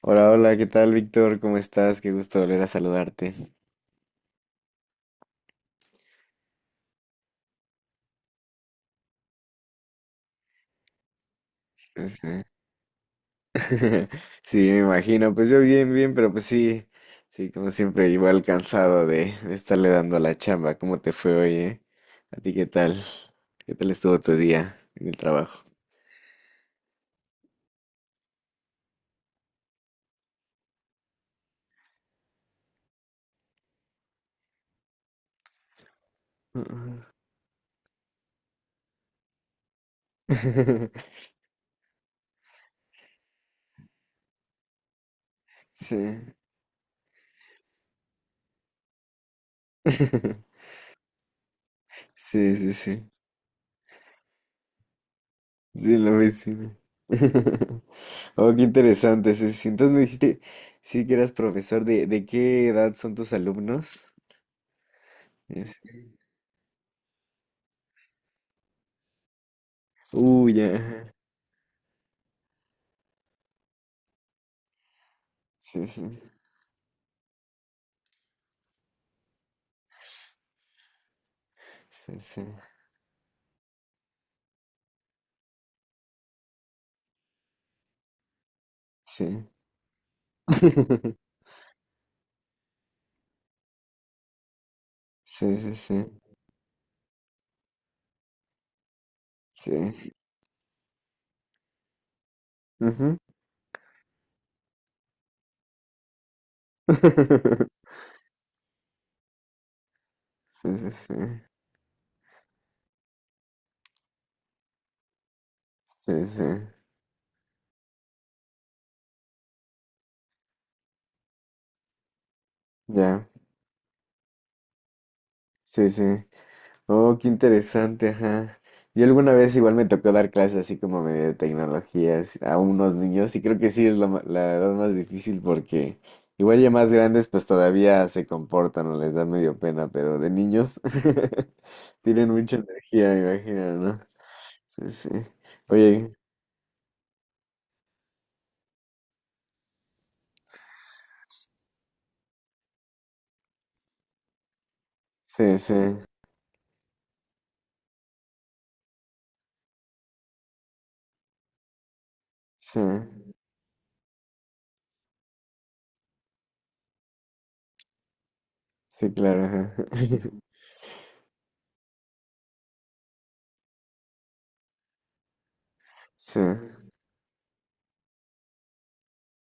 Hola, hola, ¿qué tal, Víctor? ¿Cómo estás? Qué gusto volver a saludarte. Este, Sí, me imagino. Pues yo bien, bien, pero pues sí, sí, como siempre, igual cansado de estarle dando a la chamba. ¿Cómo te fue hoy, eh? ¿A ti qué tal? ¿Qué tal estuvo tu día en el trabajo? Ujú. Sí. Sí, sí, sí. Sí, la vecina. Oh, qué interesante. Sí, sí. Entonces me dijiste, sí que eras profesor, ¿de qué edad son tus alumnos? Uy, ajá. Sí, sí, sí, sí, sí. Sí, sí, sí, sí. Ujú. Sí, sí, sí, sí, sí. Ya, sí, sí. Oh, qué interesante, ajá. Yo alguna vez igual me tocó dar clases así como medio de tecnologías a unos niños y creo que sí es la edad más difícil porque igual ya más grandes pues todavía se comportan o les da medio pena, pero de niños tienen mucha energía, me imagino, ¿no? Sí, sí. Oye, sí, sí, sí, sí, claro. Ajá. Sí.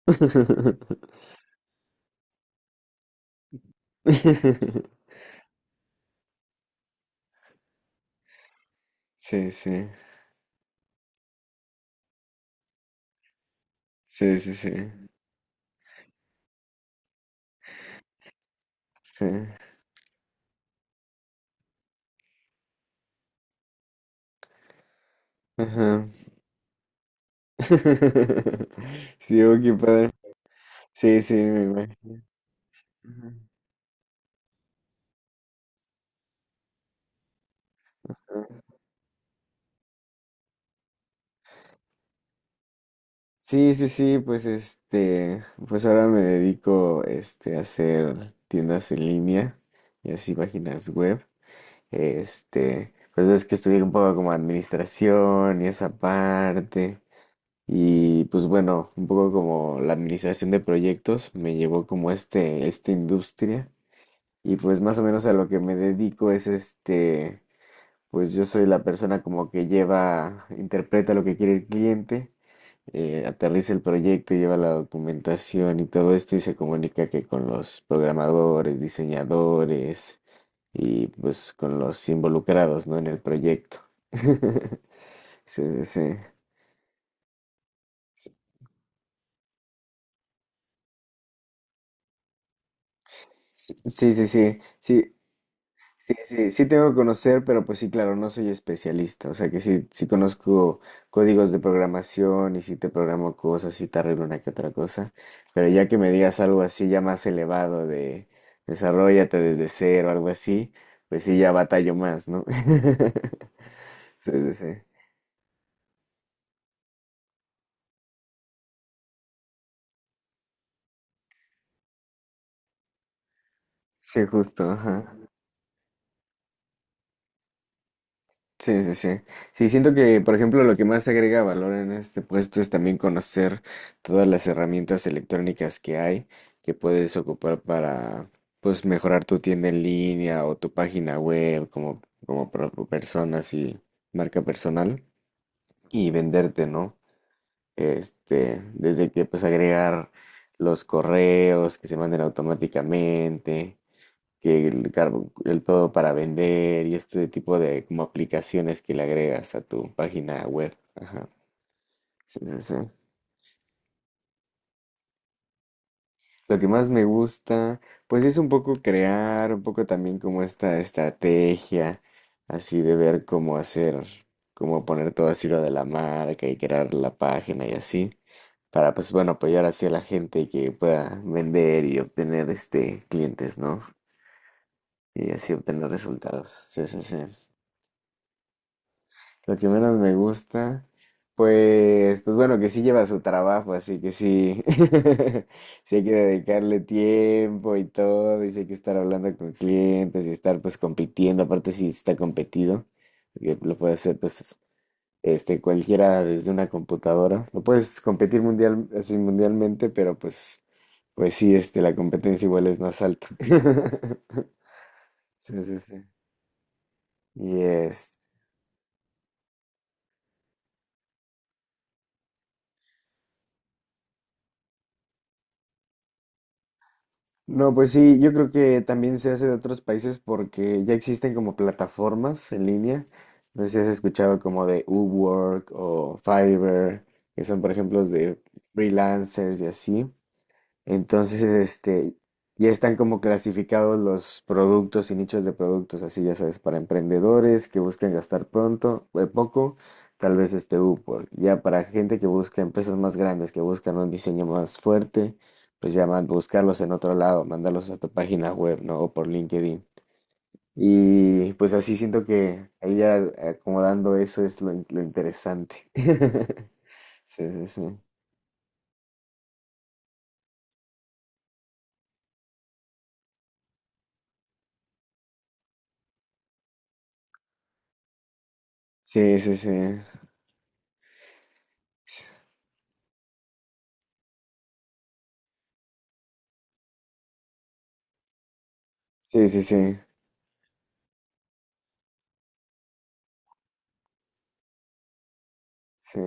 Sí, sí, sí, sí, sí, sí. Ajá. Sí, oh, qué padre. Sí, sí, me imagino. Ajá. Sí, sí, sí, pues pues ahora me dedico a hacer tiendas en línea y así páginas web. Pues es que estudié un poco como administración y esa parte. Y pues bueno, un poco como la administración de proyectos me llevó como esta industria. Y pues más o menos a lo que me dedico es pues yo soy la persona como que lleva, interpreta lo que quiere el cliente, aterriza el proyecto, lleva la documentación y todo esto y se comunica que con los programadores, diseñadores y pues con los involucrados, ¿no? En el proyecto. Sí, sí, sí. Sí, sí, sí, sí, sí, sí, sí tengo que conocer, pero pues sí, claro, no soy especialista, o sea que sí, sí conozco códigos de programación y sí te programo cosas y te arreglo una que otra cosa, pero ya que me digas algo así ya más elevado de desarrollate desde cero, algo así, pues sí, ya batallo más, ¿no? Sí, sí, sí, sí, justo, ajá. Sí, sí, sí. Sí, siento que, por ejemplo, lo que más agrega valor en este puesto es también conocer todas las herramientas electrónicas que hay que puedes ocupar para, pues, mejorar tu tienda en línea o tu página web como, como persona, así, marca personal y venderte, ¿no? Desde que, pues, agregar los correos que se manden automáticamente que el todo para vender y este tipo de como aplicaciones que le agregas a tu página web. Ajá. Sí, sí, sí. Lo que más me gusta, pues es un poco crear, un poco también como esta estrategia, así de ver cómo hacer, cómo poner todo así lo de la marca y crear la página y así, para pues bueno, apoyar así a la gente que pueda vender y obtener este clientes, ¿no? Y así obtener resultados. Sí, sí, sí. Lo que menos me gusta, pues, pues bueno, que sí lleva su trabajo, así que sí, sí hay que dedicarle tiempo y todo, y sí hay que estar hablando con clientes y estar pues compitiendo, aparte si está competido, porque lo puede hacer pues este cualquiera desde una computadora, lo puedes competir mundial, así mundialmente, pero pues, pues sí, este, la competencia igual es más alta. Sí, sí, sí. Y no, pues sí, yo creo que también se hace de otros países porque ya existen como plataformas en línea. No sé si has escuchado como de Upwork o Fiverr, que son por ejemplo de freelancers y así. Entonces, este, ya están como clasificados los productos y nichos de productos, así ya sabes, para emprendedores que buscan gastar pronto, poco, tal vez este Upwork. Ya para gente que busca empresas más grandes, que buscan un diseño más fuerte, pues ya buscarlos en otro lado, mandarlos a tu página web, ¿no? O por LinkedIn. Y pues así siento que ahí ya acomodando eso es lo interesante. Sí, sí, sí. Sí, sí, sí. Sí, sí, sí. Sí.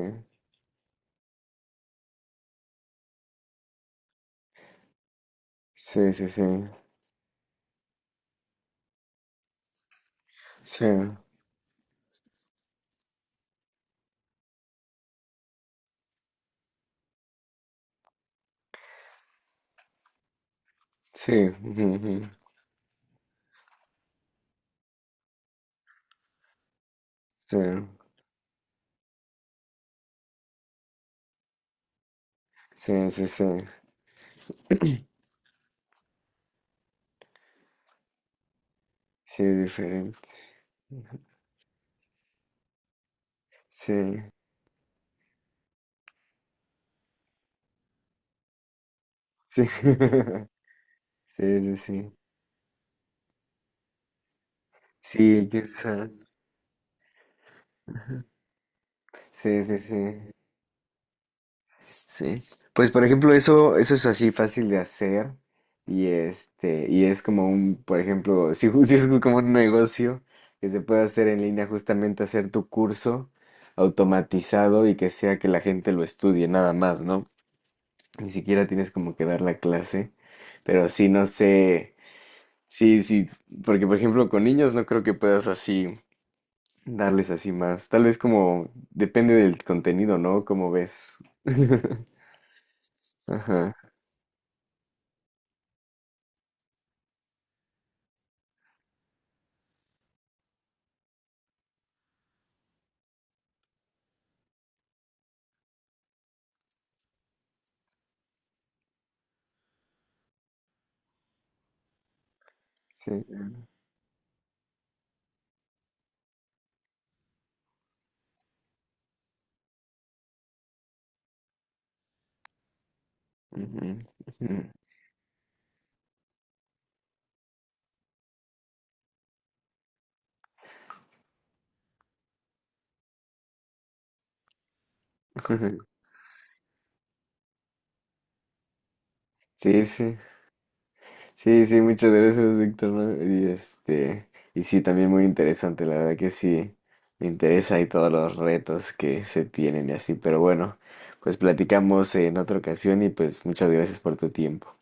Sí, sí, sí. Sí, sí. Ujú, ujú. Sí, sí, sí, sí. Sí, es diferente. Sí, sí. Sí, sí, sí. Sí, quizás. Sí, sí, sí. Sí. Pues por ejemplo, eso es así fácil de hacer. Y es como por ejemplo, si es como un negocio que se puede hacer en línea, justamente hacer tu curso automatizado y que sea que la gente lo estudie nada más, ¿no? Ni siquiera tienes como que dar la clase, pero sí, no sé, sí, sí, porque por ejemplo con niños no creo que puedas así darles así más, tal vez como depende del contenido, ¿no? Como ves. Ajá, sí. Sí. Ujú, ujú. Sí, sí. Sí, sí, muchas gracias, Víctor, ¿no? Y sí, también muy interesante, la verdad que sí, me interesa y todos los retos que se tienen y así, pero bueno, pues platicamos en otra ocasión y pues muchas gracias por tu tiempo.